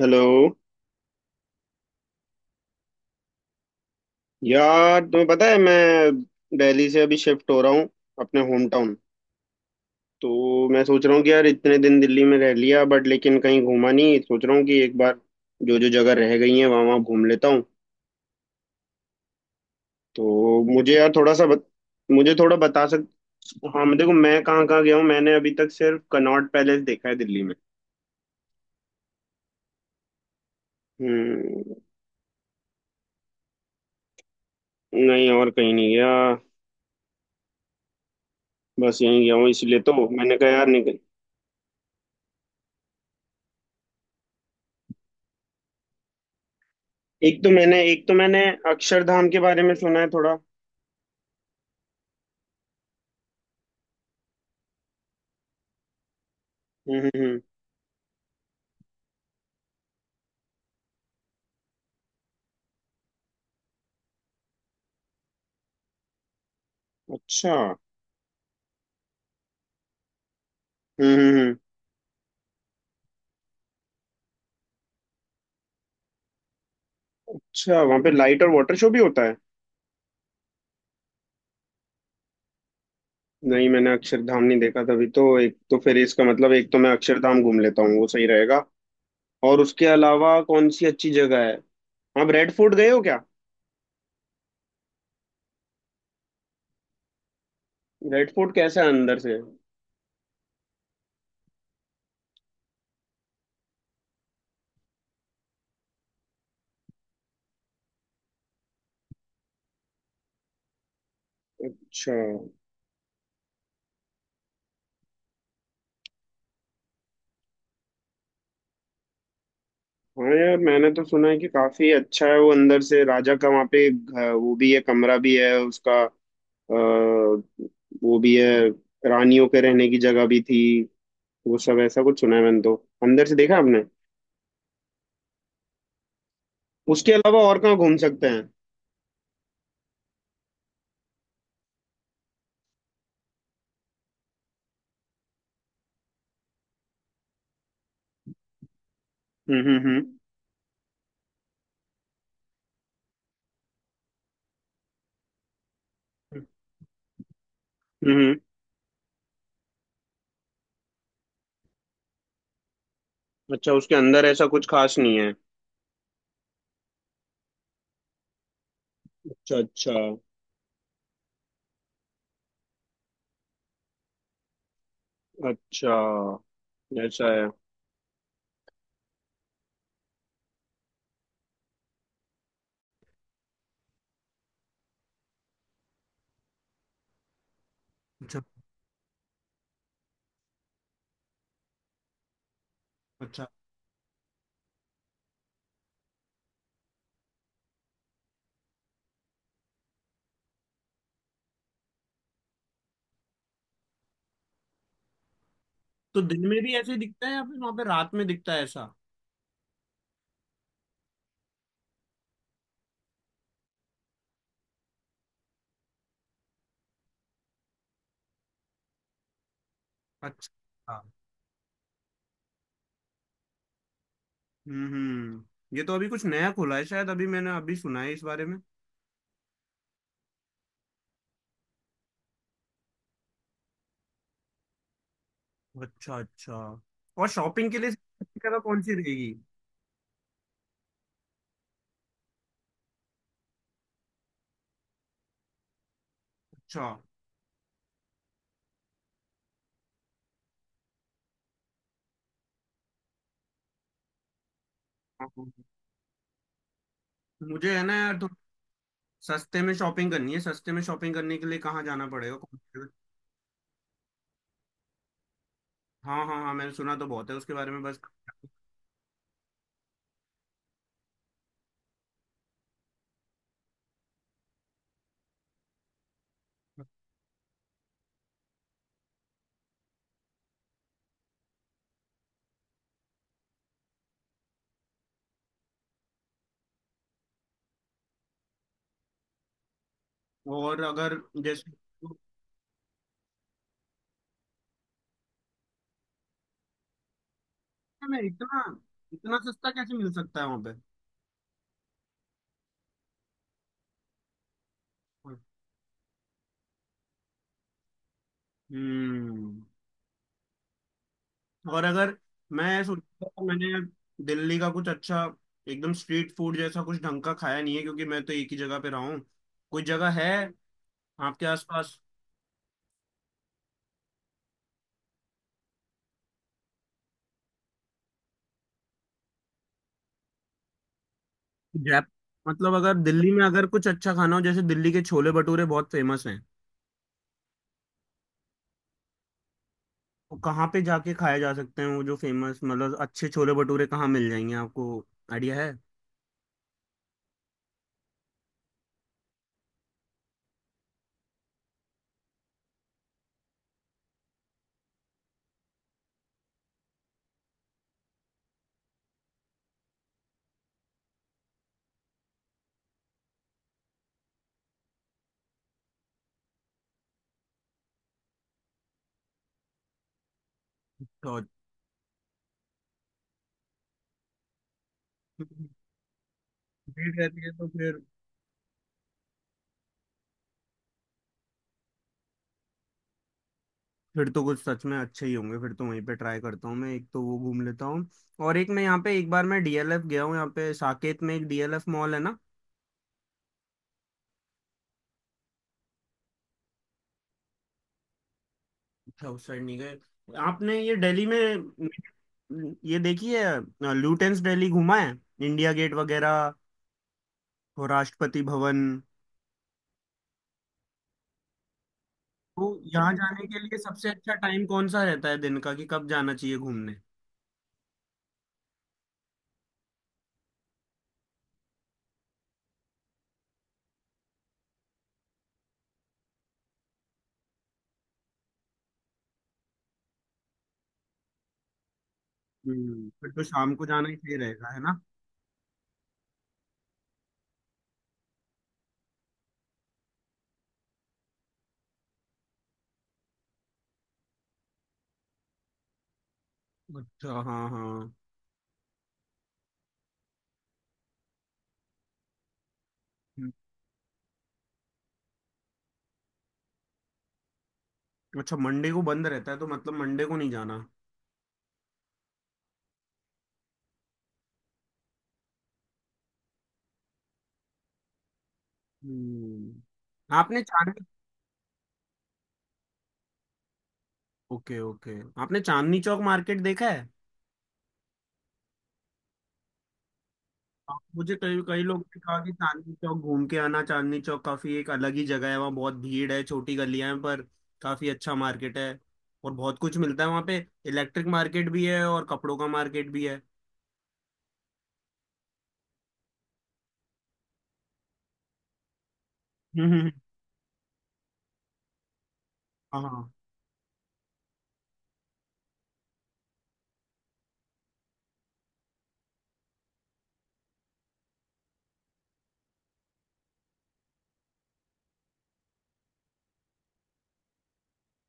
Hello. यार, तुम्हें पता है मैं दिल्ली से अभी शिफ्ट हो रहा हूँ अपने होम टाउन। तो मैं सोच रहा हूँ कि यार, इतने दिन दिल्ली में रह लिया बट लेकिन कहीं घूमा नहीं। सोच रहा हूँ कि एक बार जो जो जगह रह गई है वहाँ वहाँ घूम लेता हूँ। तो मुझे यार थोड़ा सा मुझे थोड़ा बता सक हाँ, मैं देखो, मैं कहाँ कहाँ गया हूँ। मैंने अभी तक सिर्फ कनॉट पैलेस देखा है दिल्ली में। हम्म। नहीं, और कहीं नहीं गया। बस यहीं गया हूँ, इसलिए तो मैंने कहा यार निकल। एक तो मैंने अक्षरधाम के बारे में सुना है थोड़ा। हम्म। अच्छा। हम्म। हम्म, हम्म, अच्छा, वहां पे लाइट और वाटर शो भी होता है? नहीं, मैंने अक्षरधाम नहीं देखा। तभी तो एक तो फिर इसका मतलब एक तो मैं अक्षरधाम घूम लेता हूँ, वो सही रहेगा। और उसके अलावा कौन सी अच्छी जगह है? आप रेड फोर्ट गए हो क्या? रेड फोर्ट कैसा है अंदर से? अच्छा। हाँ यार, मैंने तो सुना है कि काफी अच्छा है वो अंदर से। राजा का वहाँ पे वो भी है, कमरा भी है उसका, वो भी है। रानियों के रहने की जगह भी थी, वो सब ऐसा कुछ सुना है मैंने तो। अंदर से देखा आपने? उसके अलावा और कहाँ घूम सकते हैं? हम्म, हम्म, हम्म। हम्म हम्म। अच्छा, उसके अंदर ऐसा कुछ खास नहीं है। अच्छा अच्छा। अच्छा, ऐसा है। अच्छा अच्छा। तो दिन में भी ऐसे ही दिखता है या फिर वहां पे रात में दिखता है ऐसा? अच्छा। हम्म, हम्म, ये तो अभी कुछ नया खुला है शायद, अभी मैंने अभी सुना है इस बारे में। अच्छा अच्छा। और शॉपिंग के लिए सबसे अच्छी जगह कौन सी रहेगी? अच्छा। मुझे है ना यार, सस्ते में शॉपिंग करनी है। सस्ते में शॉपिंग करने के लिए कहाँ जाना पड़ेगा, हाँ हाँ हाँ, मैंने सुना तो बहुत है उसके बारे में। बस, और अगर जैसे तो मैं इतना, इतना सस्ता कैसे मिल सकता है वहाँ पे? हम्म। और अगर, मैं सोचता था, मैंने दिल्ली का कुछ अच्छा, एकदम स्ट्रीट फूड जैसा कुछ ढंग का खाया नहीं है, क्योंकि मैं तो एक ही जगह पे रहा हूँ। कोई जयपुर जगह है आपके आसपास? जयपुर मतलब अगर दिल्ली में, अगर कुछ अच्छा खाना हो जैसे दिल्ली के छोले भटूरे बहुत फेमस हैं। वो कहाँ पे जाके खाए जा सकते हैं? वो जो फेमस मतलब अच्छे छोले भटूरे कहाँ मिल जाएंगे आपको? आइडिया है? तो भीड़ रहती है तो फिर तो कुछ सच में अच्छे ही होंगे, फिर तो वहीं पे ट्राई करता हूँ मैं। एक तो वो घूम लेता हूँ। और एक, मैं यहाँ पे एक बार मैं डीएलएफ गया हूँ। यहाँ पे साकेत में एक डीएलएफ मॉल है ना? अच्छा, उस साइड नहीं गए आपने? ये दिल्ली में ये देखी है, लुटेंस दिल्ली घूमा है, इंडिया गेट वगैरह और राष्ट्रपति भवन? तो यहाँ जाने के लिए सबसे अच्छा टाइम कौन सा रहता है दिन का, कि कब जाना चाहिए घूमने? हम्म, फिर तो शाम को जाना ही सही रहेगा, है ना? अच्छा, हाँ हाँ। हम्म, अच्छा, मंडे को बंद रहता है, तो मतलब मंडे को नहीं जाना? हम्म, आपने चांदनी ओके ओके, आपने चांदनी चौक मार्केट देखा है? मुझे कई कई लोग ने कहा कि चांदनी चौक घूम के आना, चांदनी चौक काफी एक अलग ही जगह है, वहाँ बहुत भीड़ है, छोटी गलियां हैं, पर काफी अच्छा मार्केट है और बहुत कुछ मिलता है वहाँ पे। इलेक्ट्रिक मार्केट भी है और कपड़ों का मार्केट भी है। हम्म, हाँ।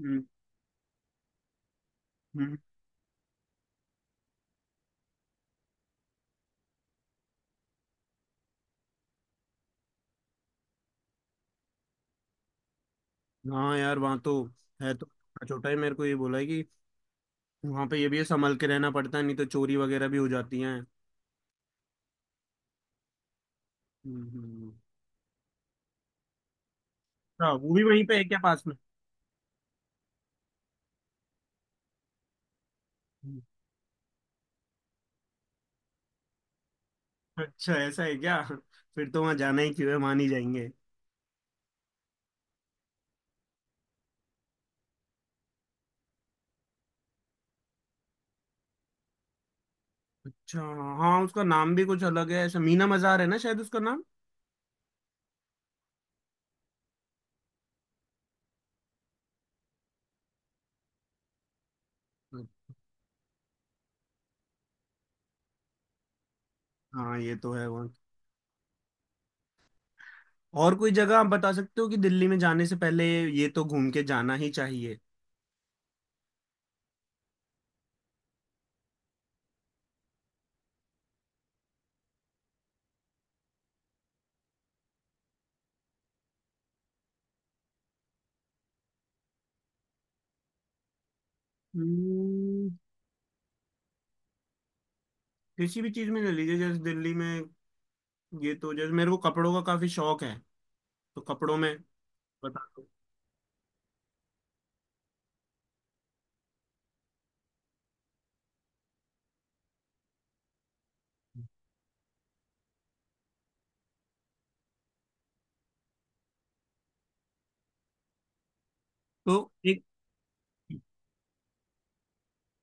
हम्म, हम्म, हाँ यार, वहाँ तो है तो छोटा छोटा ही। मेरे को ये बोला है कि वहाँ पे ये भी है, संभल के रहना पड़ता है, नहीं तो चोरी वगैरह भी हो जाती हैं। हम्म हम्म। अच्छा, वो भी वहीं पे है क्या पास में? हम्म, अच्छा, ऐसा है क्या? फिर तो वहाँ जाना ही क्यों है, मान ही जाएंगे। अच्छा हाँ, उसका नाम भी कुछ अलग है ऐसा, मीना मजार है ना शायद उसका नाम? हाँ, ये तो है वहाँ। और कोई जगह आप बता सकते हो कि दिल्ली में जाने से पहले ये तो घूम के जाना ही चाहिए? हम्म, किसी भी चीज में ले लीजिए। जैसे दिल्ली में, ये तो जैसे मेरे को कपड़ों का काफी शौक है, तो कपड़ों में बता दो। तो एक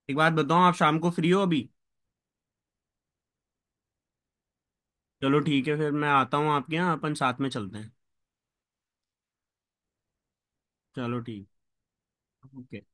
एक बात बताओ, आप शाम को फ्री हो अभी? चलो ठीक है, फिर मैं आता हूँ आपके यहाँ, अपन साथ में चलते हैं। चलो ठीक। ओके।